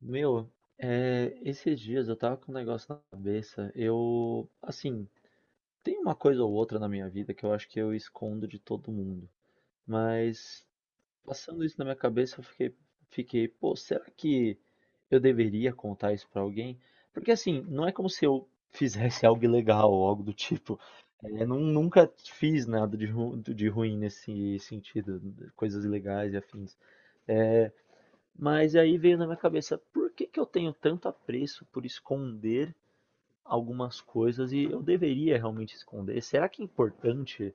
Meu, esses dias eu tava com um negócio na cabeça. Eu, assim, tem uma coisa ou outra na minha vida que eu acho que eu escondo de todo mundo. Mas passando isso na minha cabeça, eu fiquei, pô, será que eu deveria contar isso pra alguém? Porque assim, não é como se eu fizesse algo ilegal ou algo do tipo. É, nunca fiz nada de, de ruim nesse sentido, coisas ilegais e afins. Mas aí veio na minha cabeça, por que que eu tenho tanto apreço por esconder algumas coisas e eu deveria realmente esconder? Será que é importante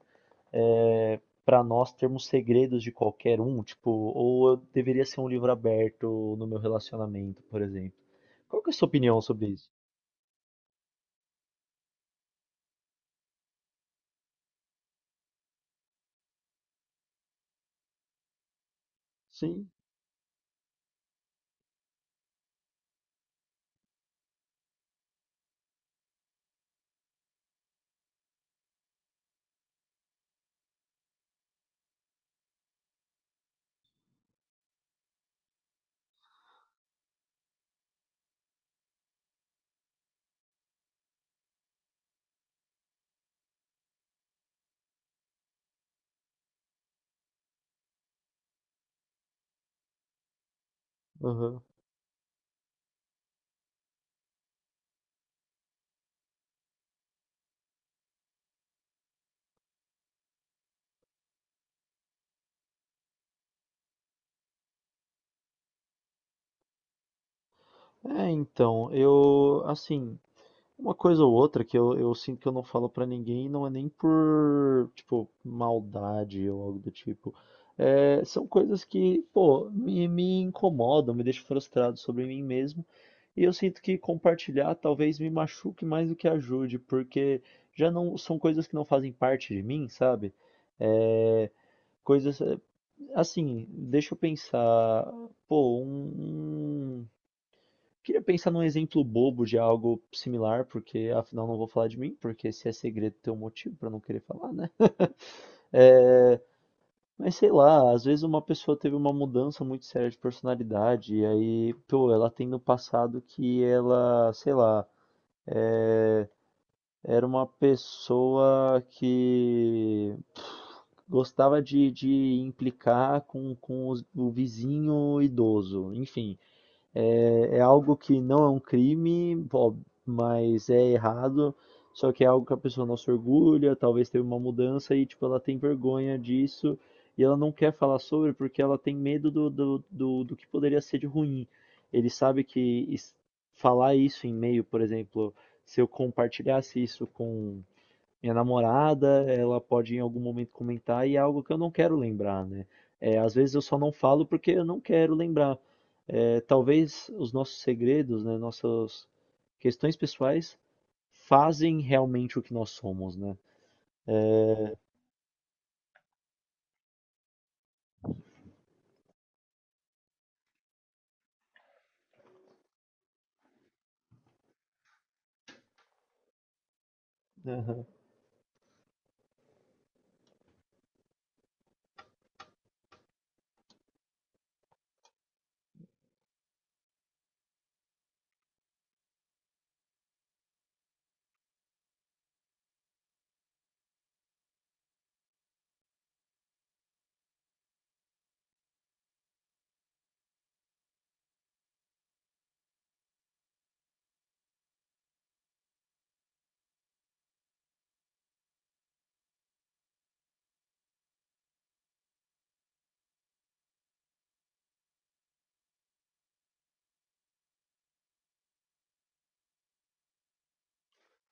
para nós termos segredos de qualquer um? Tipo, ou eu deveria ser um livro aberto no meu relacionamento, por exemplo? Qual que é a sua opinião sobre isso? Sim. Aham. Então, uma coisa ou outra que eu sinto que eu não falo pra ninguém, não é nem por, tipo, maldade ou algo do tipo. É, são coisas que, pô, me incomodam, me deixam frustrado sobre mim mesmo. E eu sinto que compartilhar talvez me machuque mais do que ajude, porque já não são coisas que não fazem parte de mim, sabe? É, coisas, é, assim, deixa eu pensar, pô, um queria pensar num exemplo bobo de algo similar, porque afinal não vou falar de mim, porque se é segredo tem um motivo pra não querer falar, né? Eh, mas sei lá, às vezes uma pessoa teve uma mudança muito séria de personalidade, e aí, pô, ela tem no passado que ela, sei lá, eh, era uma pessoa que gostava de implicar com, o vizinho idoso, enfim. É, é algo que não é um crime, ó, mas é errado. Só que é algo que a pessoa não se orgulha, talvez teve uma mudança e tipo ela tem vergonha disso e ela não quer falar sobre porque ela tem medo do que poderia ser de ruim. Ele sabe que is- falar isso em e-mail, por exemplo, se eu compartilhasse isso com minha namorada, ela pode em algum momento comentar e é algo que eu não quero lembrar, né? É, às vezes eu só não falo porque eu não quero lembrar. É, talvez os nossos segredos, né, nossas questões pessoais fazem realmente o que nós somos, né? Aham.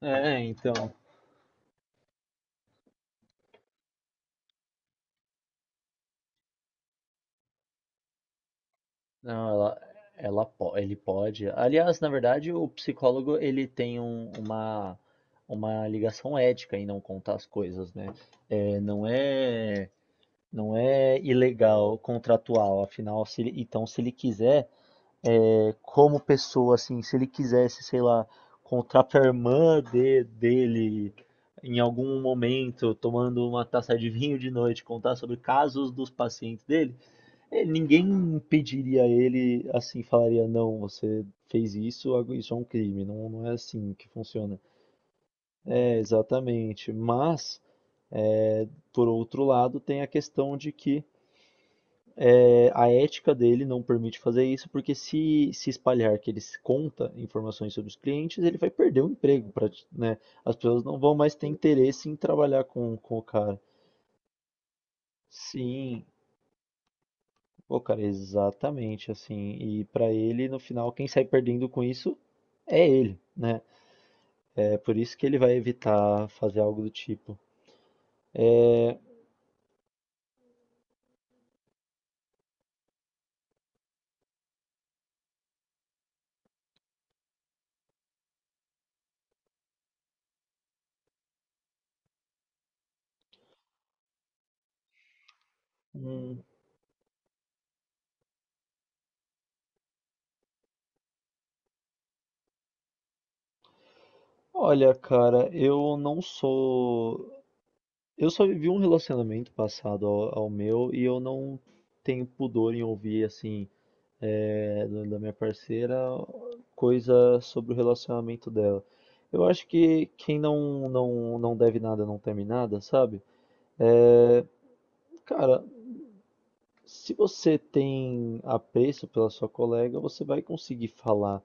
É, então. Não, ela, ele pode. Aliás, na verdade, o psicólogo ele tem uma ligação ética em não contar as coisas, né? É, não é. Não é ilegal, contratual. Afinal, se ele- então, se ele quiser, é, como pessoa, assim, se ele quisesse, sei lá, contratar a irmã dele em algum momento, tomando uma taça de vinho de noite, contar sobre casos dos pacientes dele, ninguém impediria ele, assim, falaria, não, você fez isso, isso é um crime. Não, não é assim que funciona. É, exatamente. Mas, por outro lado, tem a questão de que a ética dele não permite fazer isso, porque se espalhar que ele se conta informações sobre os clientes, ele vai perder o emprego, né? As pessoas não vão mais ter interesse em trabalhar com o cara. Sim, pô, cara, exatamente assim. E pra ele, no final, quem sai perdendo com isso é ele, né? É por isso que ele vai evitar fazer algo do tipo. Hum, olha, cara, eu não sou. Eu só vivi um relacionamento passado ao, ao meu e eu não tenho pudor em ouvir, assim, da minha parceira, coisa sobre o relacionamento dela. Eu acho que quem não deve nada não teme nada, sabe? Cara, se você tem apreço pela sua colega, você vai conseguir falar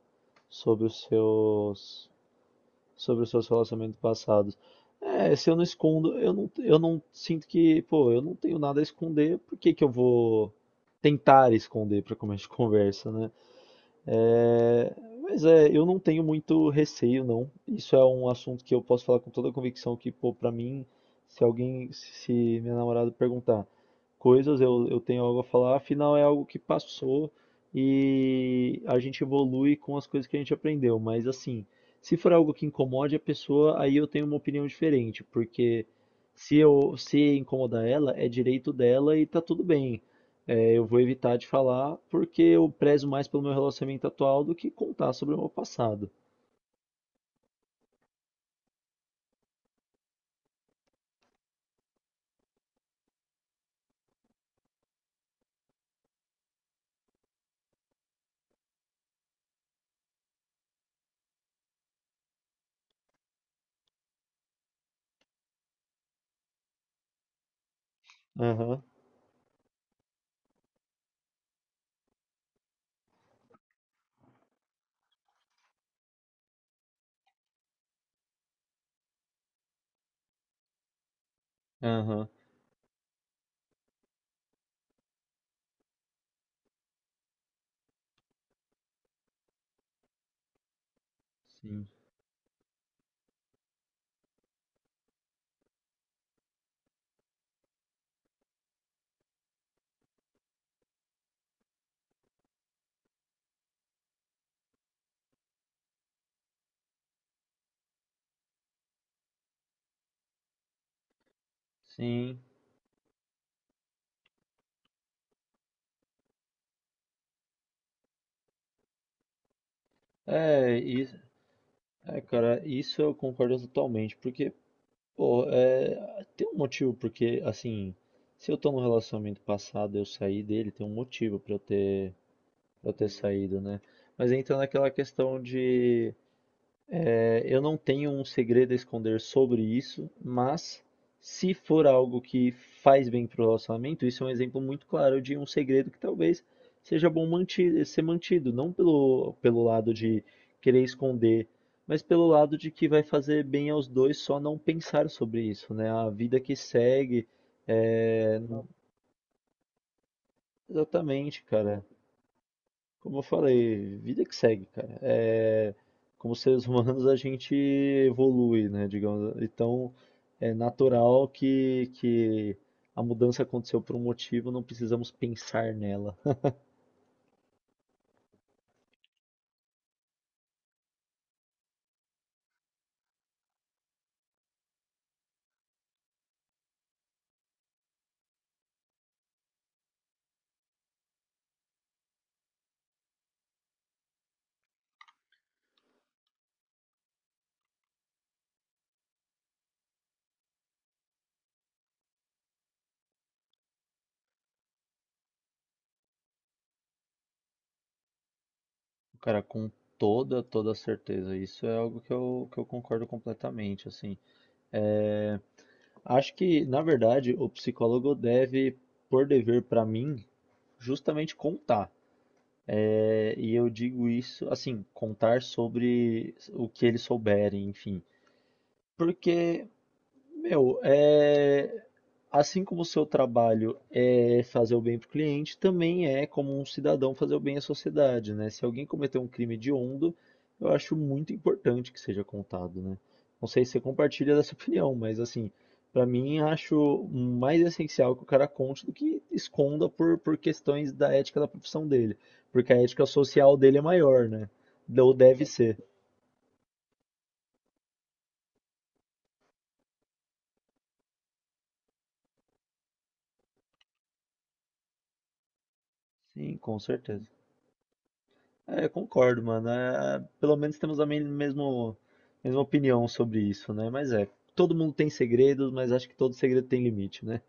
sobre os seus sobre os seus relacionamentos passados. É, se eu não escondo, eu não sinto que, pô, eu não tenho nada a esconder, por que que eu vou tentar esconder para começo de conversa, né? É, mas é, eu não tenho muito receio, não. Isso é um assunto que eu posso falar com toda a convicção que, pô, pra mim, se minha namorada perguntar coisas, eu tenho algo a falar, afinal é algo que passou e a gente evolui com as coisas que a gente aprendeu. Mas assim, se for algo que incomode a pessoa, aí eu tenho uma opinião diferente, porque se incomodar ela, é direito dela e tá tudo bem. É, eu vou evitar de falar porque eu prezo mais pelo meu relacionamento atual do que contar sobre o meu passado. Aham, aham, sim, sim. É, isso, cara, isso eu concordo totalmente, porque, pô, é, tem um motivo, porque, assim, se eu tô num relacionamento passado, eu saí dele, tem um motivo pra eu ter saído, né? Mas entra naquela questão de eu não tenho um segredo a esconder sobre isso, mas se for algo que faz bem para o relacionamento, isso é um exemplo muito claro de um segredo que talvez seja bom ser mantido, não pelo lado de querer esconder, mas pelo lado de que vai fazer bem aos dois só não pensar sobre isso, né? A vida que segue, é... exatamente, cara. Como eu falei, vida que segue, cara. É, como seres humanos a gente evolui, né? Digamos. Então é natural que a mudança aconteceu por um motivo, não precisamos pensar nela. Cara, com toda, toda certeza. Isso é algo que que eu concordo completamente, assim. É, acho que, na verdade, o psicólogo deve, por dever para mim, justamente contar. É, e eu digo isso, assim, contar sobre o que eles souberem, enfim. Porque meu, é... assim como o seu trabalho é fazer o bem para o cliente, também é como um cidadão fazer o bem à sociedade, né? Se alguém cometer um crime hediondo, eu acho muito importante que seja contado, né? Não sei se você compartilha dessa opinião, mas assim, para mim acho mais essencial que o cara conte do que esconda por questões da ética da profissão dele, porque a ética social dele é maior, né? Ou deve ser. Sim, com certeza. É, eu concordo, mano. É, pelo menos temos a mesmo, mesma opinião sobre isso, né? Mas é, todo mundo tem segredos, mas acho que todo segredo tem limite, né?